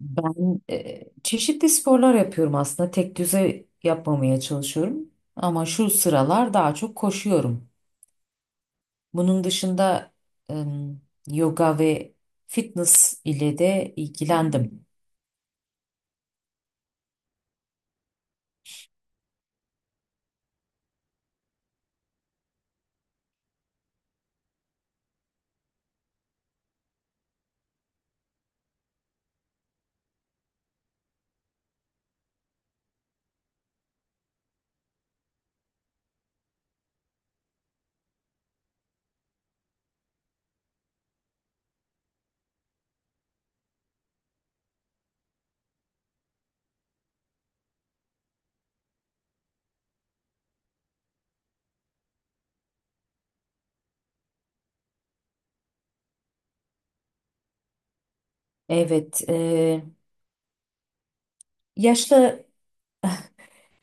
Ben çeşitli sporlar yapıyorum aslında. Tek düze yapmamaya çalışıyorum. Ama şu sıralar daha çok koşuyorum. Bunun dışında em, yoga ve fitness ile de ilgilendim. Evet, e, yaşlı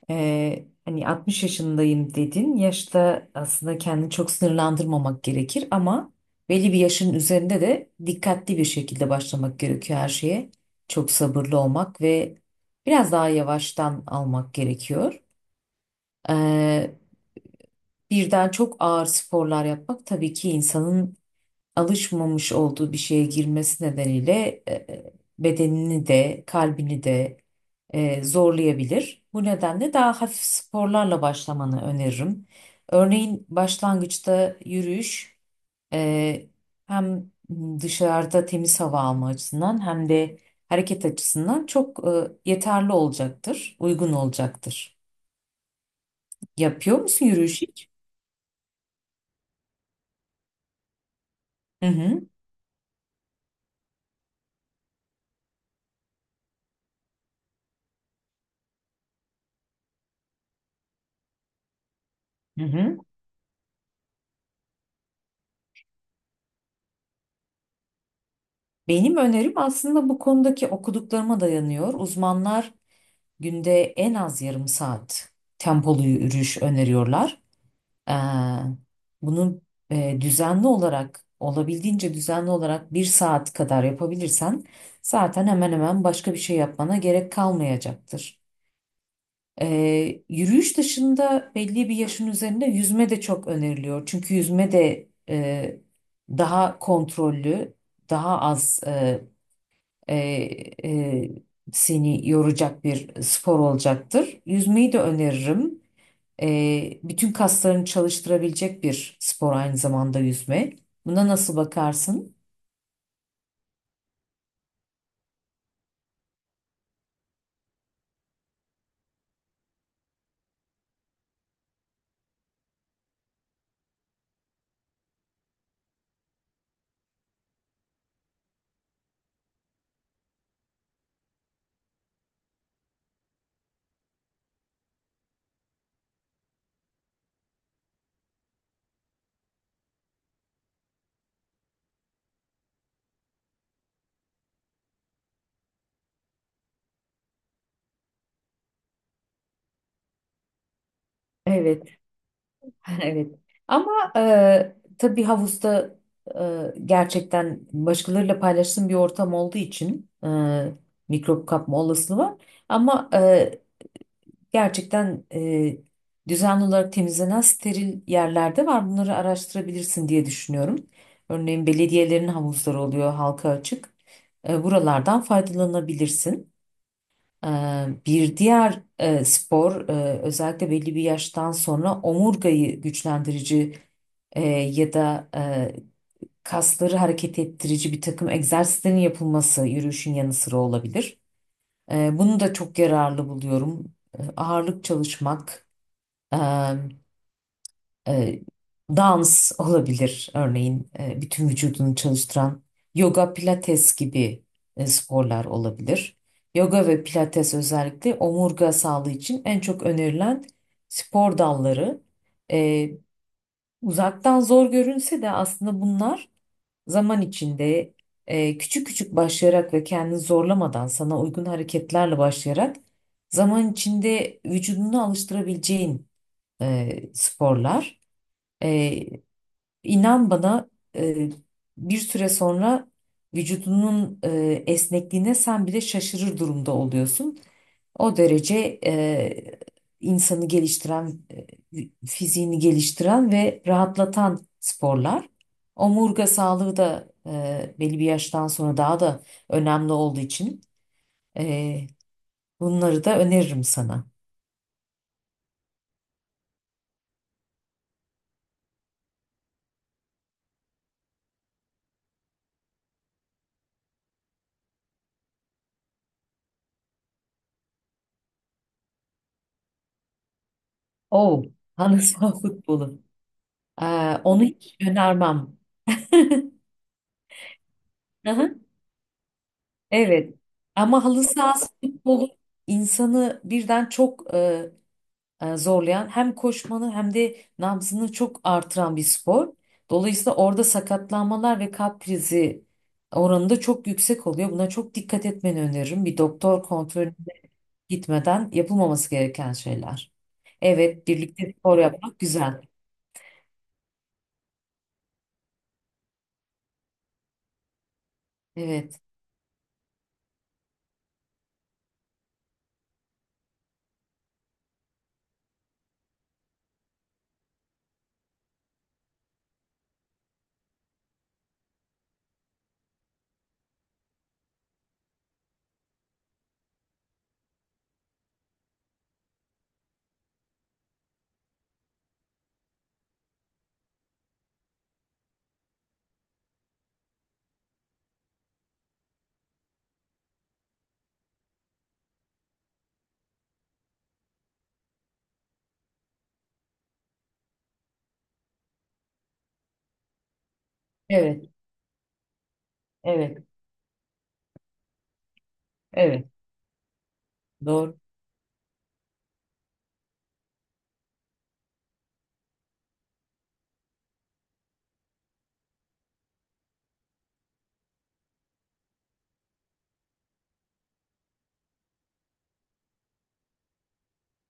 Hani 60 yaşındayım dedin. Yaşta aslında kendini çok sınırlandırmamak gerekir ama belli bir yaşın üzerinde de dikkatli bir şekilde başlamak gerekiyor her şeye. Çok sabırlı olmak ve biraz daha yavaştan almak gerekiyor. Ee, Birden çok ağır sporlar yapmak tabii ki insanın alışmamış olduğu bir şeye girmesi nedeniyle bedenini de kalbini de zorlayabilir. Bu nedenle daha hafif sporlarla başlamanı öneririm. Örneğin başlangıçta yürüyüş e, hem dışarıda temiz hava alma açısından hem de hareket açısından çok yeterli olacaktır, uygun olacaktır. Yapıyor musun yürüyüş hiç? Hı hı. Hı hı. Benim önerim aslında bu konudaki okuduklarıma dayanıyor. Uzmanlar günde en az yarım saat tempolu yürüyüş öneriyorlar. Ee, Bunu düzenli olarak, olabildiğince düzenli olarak bir saat kadar yapabilirsen zaten hemen hemen başka bir şey yapmana gerek kalmayacaktır. Yürüyüş dışında belli bir yaşın üzerinde yüzme de çok öneriliyor. Çünkü yüzme de daha kontrollü, daha az e, e, seni yoracak bir spor olacaktır. Yüzmeyi de öneririm. Bütün kaslarını çalıştırabilecek bir spor aynı zamanda yüzme. Buna nasıl bakarsın? Evet, evet. Ama tabii havuzda gerçekten başkalarıyla paylaştığım bir ortam olduğu için mikrop kapma olasılığı var. Ama gerçekten düzenli olarak temizlenen steril yerlerde var. Bunları araştırabilirsin diye düşünüyorum. Örneğin belediyelerin havuzları oluyor halka açık. Buralardan faydalanabilirsin. E, Bir diğer spor, özellikle belli bir yaştan sonra omurgayı güçlendirici ya da kasları hareket ettirici bir takım egzersizlerin yapılması yürüyüşün yanı sıra olabilir. Bunu da çok yararlı buluyorum. Ağırlık çalışmak, ee, e, dans olabilir örneğin, bütün vücudunu çalıştıran yoga, pilates gibi sporlar olabilir. Yoga ve pilates özellikle omurga sağlığı için en çok önerilen spor dalları. Ee, Uzaktan zor görünse de aslında bunlar zaman içinde küçük küçük başlayarak ve kendini zorlamadan sana uygun hareketlerle başlayarak zaman içinde vücudunu alıştırabileceğin sporlar. Ee, inan bana, e, bir süre sonra vücudunun esnekliğine sen bile şaşırır durumda oluyorsun. O derece insanı geliştiren, fiziğini geliştiren ve rahatlatan sporlar. Omurga sağlığı da belli bir yaştan sonra daha da önemli olduğu için e, bunları da öneririm sana. Oh, halı saha futbolu. Ee, Onu hiç önermem. Hı hı, evet. Ama halı sahası futbolu insanı birden çok zorlayan, hem koşmanı hem de nabzını çok artıran bir spor. Dolayısıyla orada sakatlanmalar ve kalp krizi oranı da çok yüksek oluyor. Buna çok dikkat etmeni öneririm. Bir doktor kontrolüne gitmeden yapılmaması gereken şeyler. Evet, birlikte spor yapmak güzel. Evet, evet, evet, evet. Doğru.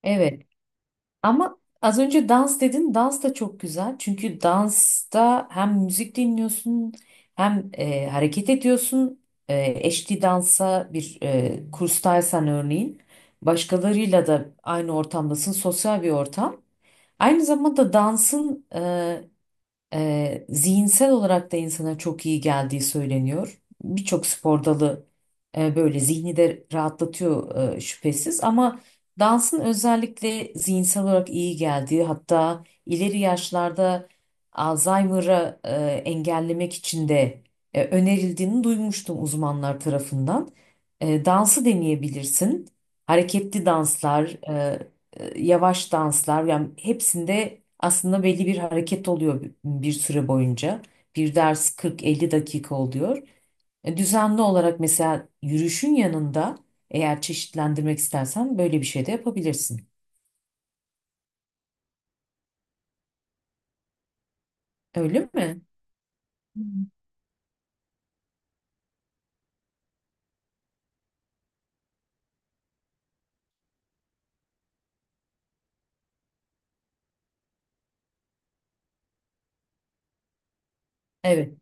Evet, ama az önce dans dedin. Dans da çok güzel. Çünkü dansta hem müzik dinliyorsun, hem hareket ediyorsun. E, Eşli dansa, bir kurstaysan örneğin, başkalarıyla da aynı ortamdasın. Sosyal bir ortam. Aynı zamanda dansın zihinsel olarak da insana çok iyi geldiği söyleniyor. Birçok spor dalı böyle zihni de rahatlatıyor şüphesiz, ama dansın özellikle zihinsel olarak iyi geldiği, hatta ileri yaşlarda Alzheimer'ı engellemek için de önerildiğini duymuştum uzmanlar tarafından. Dansı deneyebilirsin. Hareketli danslar, yavaş danslar, yani hepsinde aslında belli bir hareket oluyor bir süre boyunca. Bir ders 40-50 dakika oluyor. Düzenli olarak mesela yürüyüşün yanında, eğer çeşitlendirmek istersen, böyle bir şey de yapabilirsin. Öyle mi? Evet,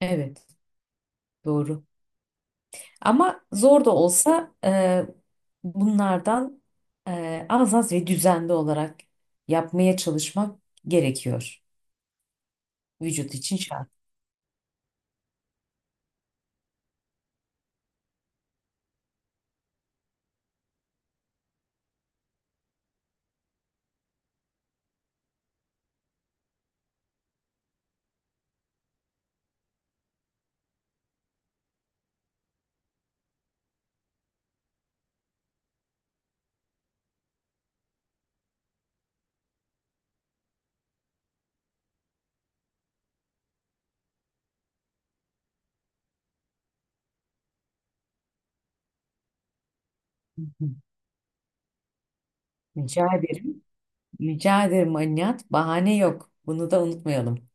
evet, doğru. Ama zor da olsa bunlardan az az ve düzenli olarak yapmaya çalışmak gerekiyor. Vücut için şart. Hı. Rica ederim. Rica ederim Alinihat. Bahane yok. Bunu da unutmayalım.